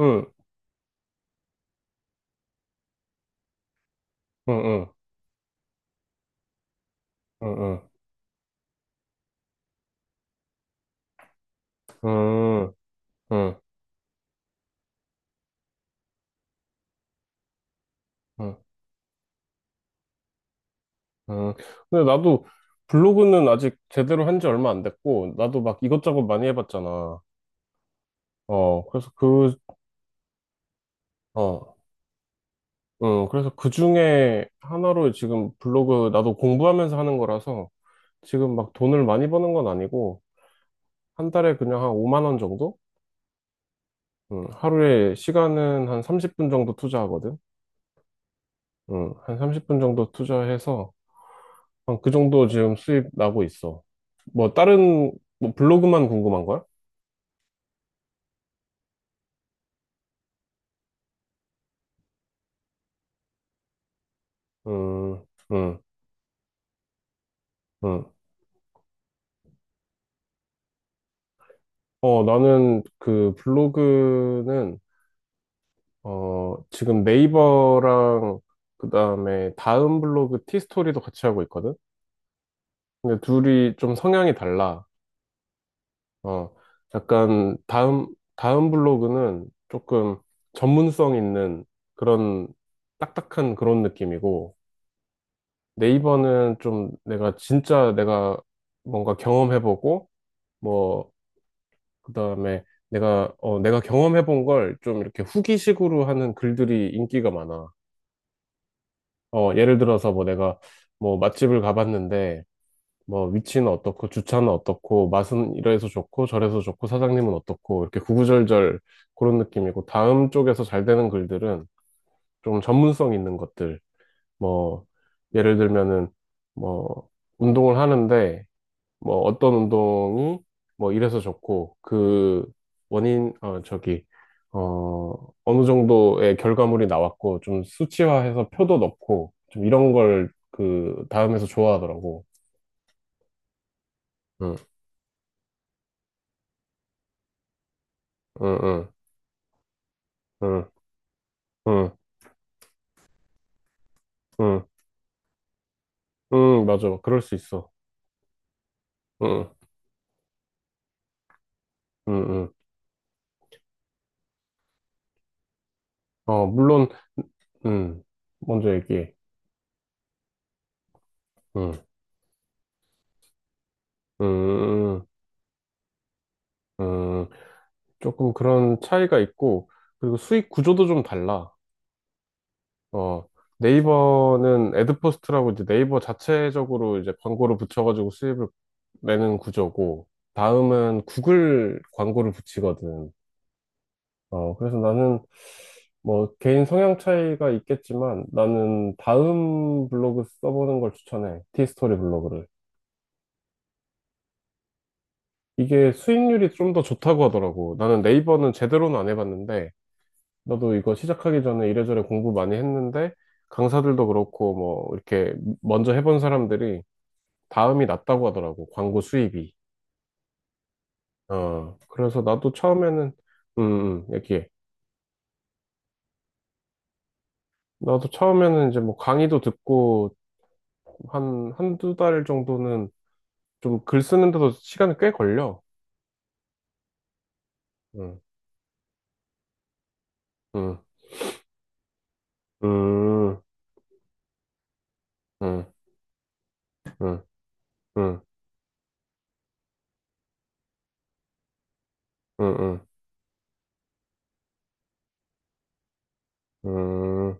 응, 응, 응, 응, 응, 응, 응, 응. 응, 응. 근데 나도 블로그는 아직 제대로 한 지 얼마 안 됐고, 나도 막 이것저것 많이 해봤잖아. 그래서 그, 어, 응, 그래서 그 중에 하나로 지금 블로그 나도 공부하면서 하는 거라서 지금 막 돈을 많이 버는 건 아니고, 한 달에 그냥 한 5만 원 정도? 응, 하루에 시간은 한 30분 정도 투자하거든. 응, 한 30분 정도 투자해서 한 그 정도 지금 수입 나고 있어. 뭐 다른 뭐 블로그만 궁금한 거야? 음, 음, 음. 나는 그 블로그는 지금 네이버랑 그다음에 다음 블로그 티스토리도 같이 하고 있거든. 근데 둘이 좀 성향이 달라. 어, 약간 다음 블로그는 조금 전문성 있는 그런 딱딱한 그런 느낌이고 네이버는 좀 내가 뭔가 경험해보고 뭐 그다음에 내가 경험해본 걸 좀 이렇게 후기식으로 하는 글들이 인기가 많아. 예를 들어서 뭐 내가 뭐 맛집을 가봤는데 뭐 위치는 어떻고 주차는 어떻고 맛은 이래서 좋고 저래서 좋고 사장님은 어떻고 이렇게 구구절절 그런 느낌이고 다음 쪽에서 잘 되는 글들은 좀 전문성 있는 것들 뭐 예를 들면은 뭐 운동을 하는데 뭐 어떤 운동이 뭐 이래서 좋고 그 원인 어 저기 어 어느 정도의 결과물이 나왔고 좀 수치화해서 표도 넣고 좀 이런 걸 그 다음에서 좋아하더라고. 응, 응, 응, 응, 응, 응, 응, 응, 맞아. 그럴 수 있어. 응, 응, 응. 응. 물론 응 먼저 얘기해. 응, 응, 응, 응. 응. 조금 그런 차이가 있고 그리고 수익 구조도 좀 달라. 어, 네이버는 애드포스트라고 이제 네이버 자체적으로 이제 광고를 붙여가지고 수입을 내는 구조고, 다음은 구글 광고를 붙이거든. 그래서 나는 뭐 개인 성향 차이가 있겠지만 나는 다음 블로그 써보는 걸 추천해. 티스토리 블로그를. 이게 수익률이 좀 더 좋다고 하더라고. 나는 네이버는 제대로는 안 해봤는데, 나도 이거 시작하기 전에 이래저래 공부 많이 했는데, 강사들도 그렇고, 뭐, 이렇게 먼저 해본 사람들이 다음이 낫다고 하더라고. 광고 수입이. 그래서 나도 처음에는, 음, 얘기해. 나도 처음에는 이제 뭐 강의도 듣고 한두 달 정도는 좀 글 쓰는데도 시간이 꽤 걸려. 응, 응, 응, 응, 응, 응, 응, 응,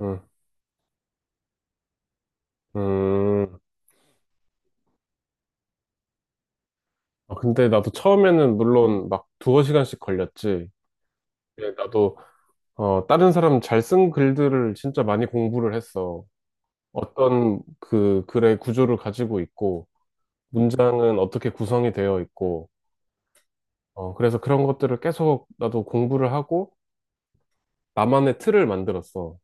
응, 응. 아, 근데 나도 처음에는 물론 막 두어 시간씩 걸렸지. 근데 나도, 다른 사람 잘 쓴 글들을 진짜 많이 공부를 했어. 어떤 그 글의 구조를 가지고 있고, 문장은 어떻게 구성이 되어 있고, 그래서 그런 것들을 계속 나도 공부를 하고, 나만의 틀을 만들었어.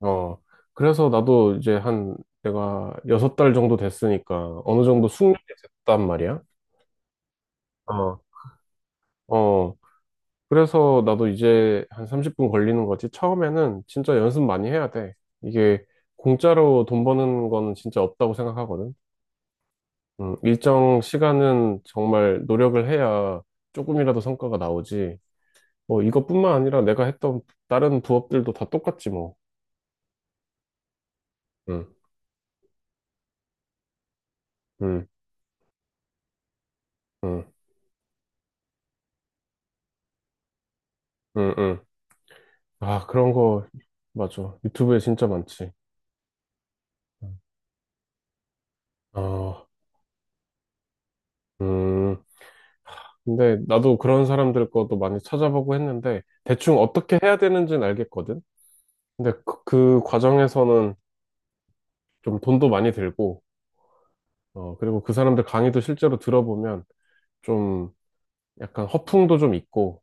어, 그래서 나도 이제 한, 내가 여섯 달 정도 됐으니까, 어느 정도 숙련이 됐단 말이야. 어, 어, 그래서 나도 이제 한 30분 걸리는 거지. 처음에는 진짜 연습 많이 해야 돼. 이게 공짜로 돈 버는 건 진짜 없다고 생각하거든. 일정 시간은 정말 노력을 해야 조금이라도 성과가 나오지. 뭐 이것뿐만 아니라 내가 했던 다른 부업들도 다 똑같지 뭐. 응, 응, 응, 응, 응. 아, 그런 거 맞아. 유튜브에 진짜 많지. 어, 음. 근데 나도 그런 사람들 것도 많이 찾아보고 했는데 대충 어떻게 해야 되는지는 알겠거든. 근데 그 과정에서는 좀 돈도 많이 들고, 그리고 그 사람들 강의도 실제로 들어보면 좀 약간 허풍도 좀 있고.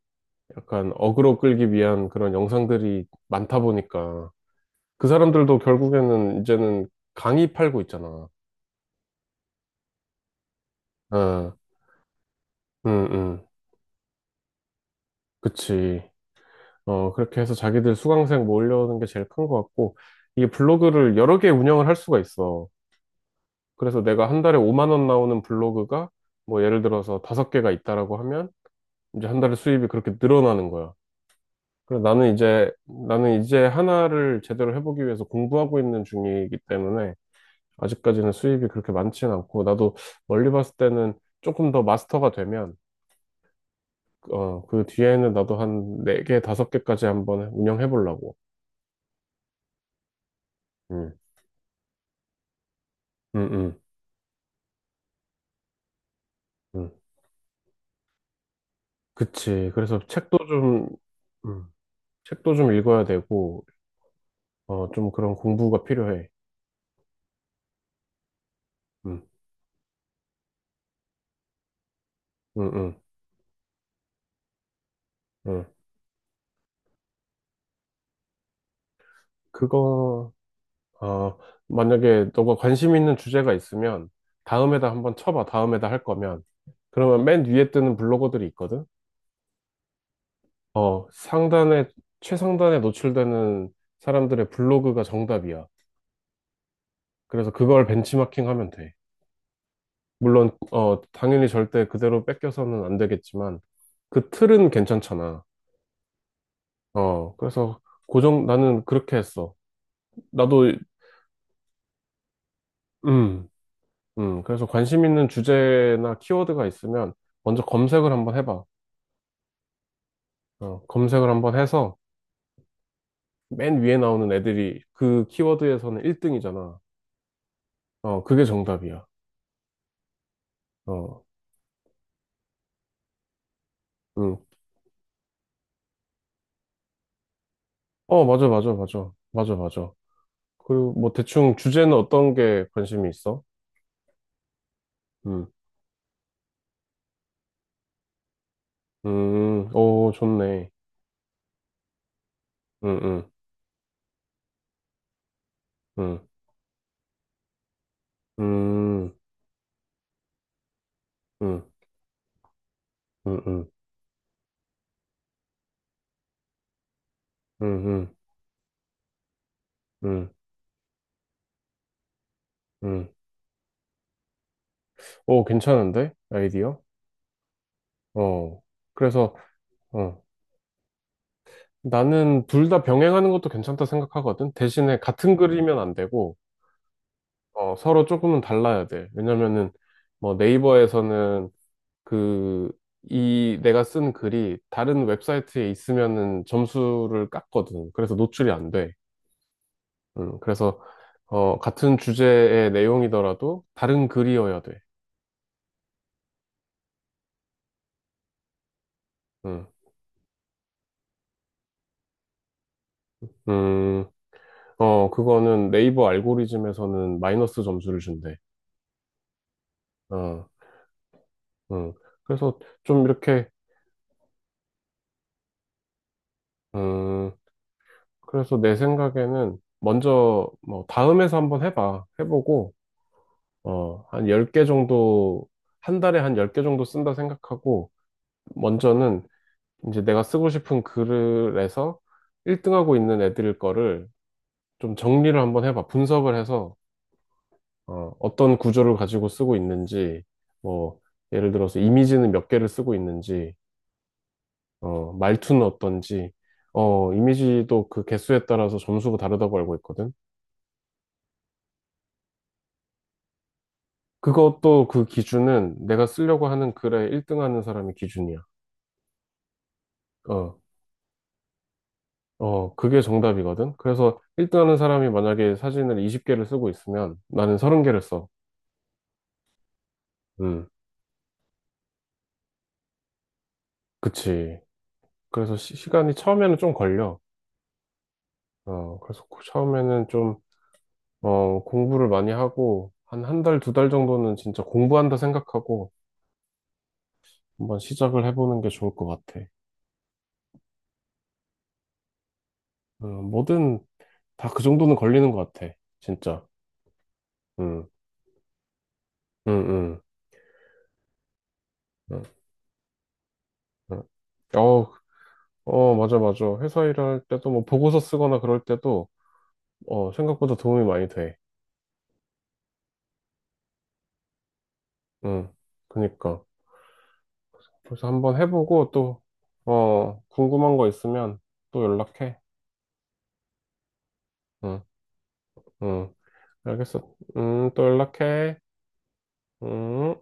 약간 어그로 끌기 위한 그런 영상들이 많다 보니까 그 사람들도 결국에는 이제는 강의 팔고 있잖아. 어, 음, 음, 그치. 그렇게 해서 자기들 수강생 모으려는 게 제일 큰 것 같고, 이게 블로그를 여러 개 운영을 할 수가 있어. 그래서 내가 한 달에 5만 원 나오는 블로그가 뭐 예를 들어서 다섯 개가 있다라고 하면 이제 한 달에 수입이 그렇게 늘어나는 거야. 그래서 나는 이제 하나를 제대로 해보기 위해서 공부하고 있는 중이기 때문에 아직까지는 수입이 그렇게 많지는 않고, 나도 멀리 봤을 때는 조금 더 마스터가 되면, 그 뒤에는 나도 한 4개, 5개까지 한번 운영해 보려고. 음, 음, 음, 음. 그치. 그래서 음, 책도 좀 읽어야 되고, 좀 그런 공부가 필요해. 음, 음, 음, 음. 그거, 어, 만약에 너가 관심 있는 주제가 있으면, 다음에다 한번 쳐봐. 다음에다 할 거면. 그러면 맨 위에 뜨는 블로거들이 있거든? 어, 상단에, 최상단에 노출되는 사람들의 블로그가 정답이야. 그래서 그걸 벤치마킹 하면 돼. 물론, 당연히 절대 그대로 뺏겨서는 안 되겠지만, 그 틀은 괜찮잖아. 어, 그래서 고정, 나는 그렇게 했어. 나도, 음, 그래서 관심 있는 주제나 키워드가 있으면, 먼저 검색을 한번 해봐. 검색을 한번 해서, 맨 위에 나오는 애들이 그 키워드에서는 1등이잖아. 그게 정답이야. 어. 음. 맞아, 맞아, 맞아. 맞아, 맞아. 그리고 뭐 대충 주제는 어떤 게 관심이 있어? 음, 오, 좋네. 음, 음, 음, 음, 음, 음, 음, 음, 음, 음, 음. 오, 괜찮은데? 아이디어? 어. 그래서, 어. 나는 둘 다 병행하는 것도 괜찮다 생각하거든. 대신에 같은 글이면 안 되고, 서로 조금은 달라야 돼. 왜냐면은, 뭐 네이버에서는 그, 이 내가 쓴 글이 다른 웹사이트에 있으면은 점수를 깎거든. 그래서 노출이 안 돼. 음, 그래서, 같은 주제의 내용이더라도 다른 글이어야 돼. 음, 음, 그거는 네이버 알고리즘에서는 마이너스 점수를 준대. 어, 음. 그래서 좀 이렇게, 음, 그래서 내 생각에는 먼저 뭐 다음에서 한번 해봐. 해보고, 한 10개 정도, 한 달에 한 10개 정도 쓴다 생각하고, 먼저는 이제 내가 쓰고 싶은 글에서 1등하고 있는 애들 거를 좀 정리를 한번 해봐. 분석을 해서 어떤 구조를 가지고 쓰고 있는지, 뭐 예를 들어서 이미지는 몇 개를 쓰고 있는지, 말투는 어떤지, 이미지도 그 개수에 따라서 점수가 다르다고 알고 있거든. 그것도 그 기준은 내가 쓰려고 하는 글에 1등하는 사람이 기준이야. 어. 그게 정답이거든. 그래서 1등 하는 사람이 만약에 사진을 20개를 쓰고 있으면 나는 30개를 써. 음, 그치. 그래서 간이 처음에는 좀 걸려. 처음에는 좀, 공부를 많이 하고, 한 한 달, 두 달 정도는 진짜 공부한다 생각하고 한번 시작을 해보는 게 좋을 것 같아. 뭐든 다 그 정도는 걸리는 것 같아. 진짜. 음, 음, 음, 음, 음. 어, 맞아, 맞아. 회사 일할 때도 뭐 보고서 쓰거나 그럴 때도 생각보다 도움이 많이 돼. 응, 그니까. 그래서 한번 해보고 또, 궁금한 거 있으면 또 연락해. 응, 응, 알겠어. 또 연락해. 음.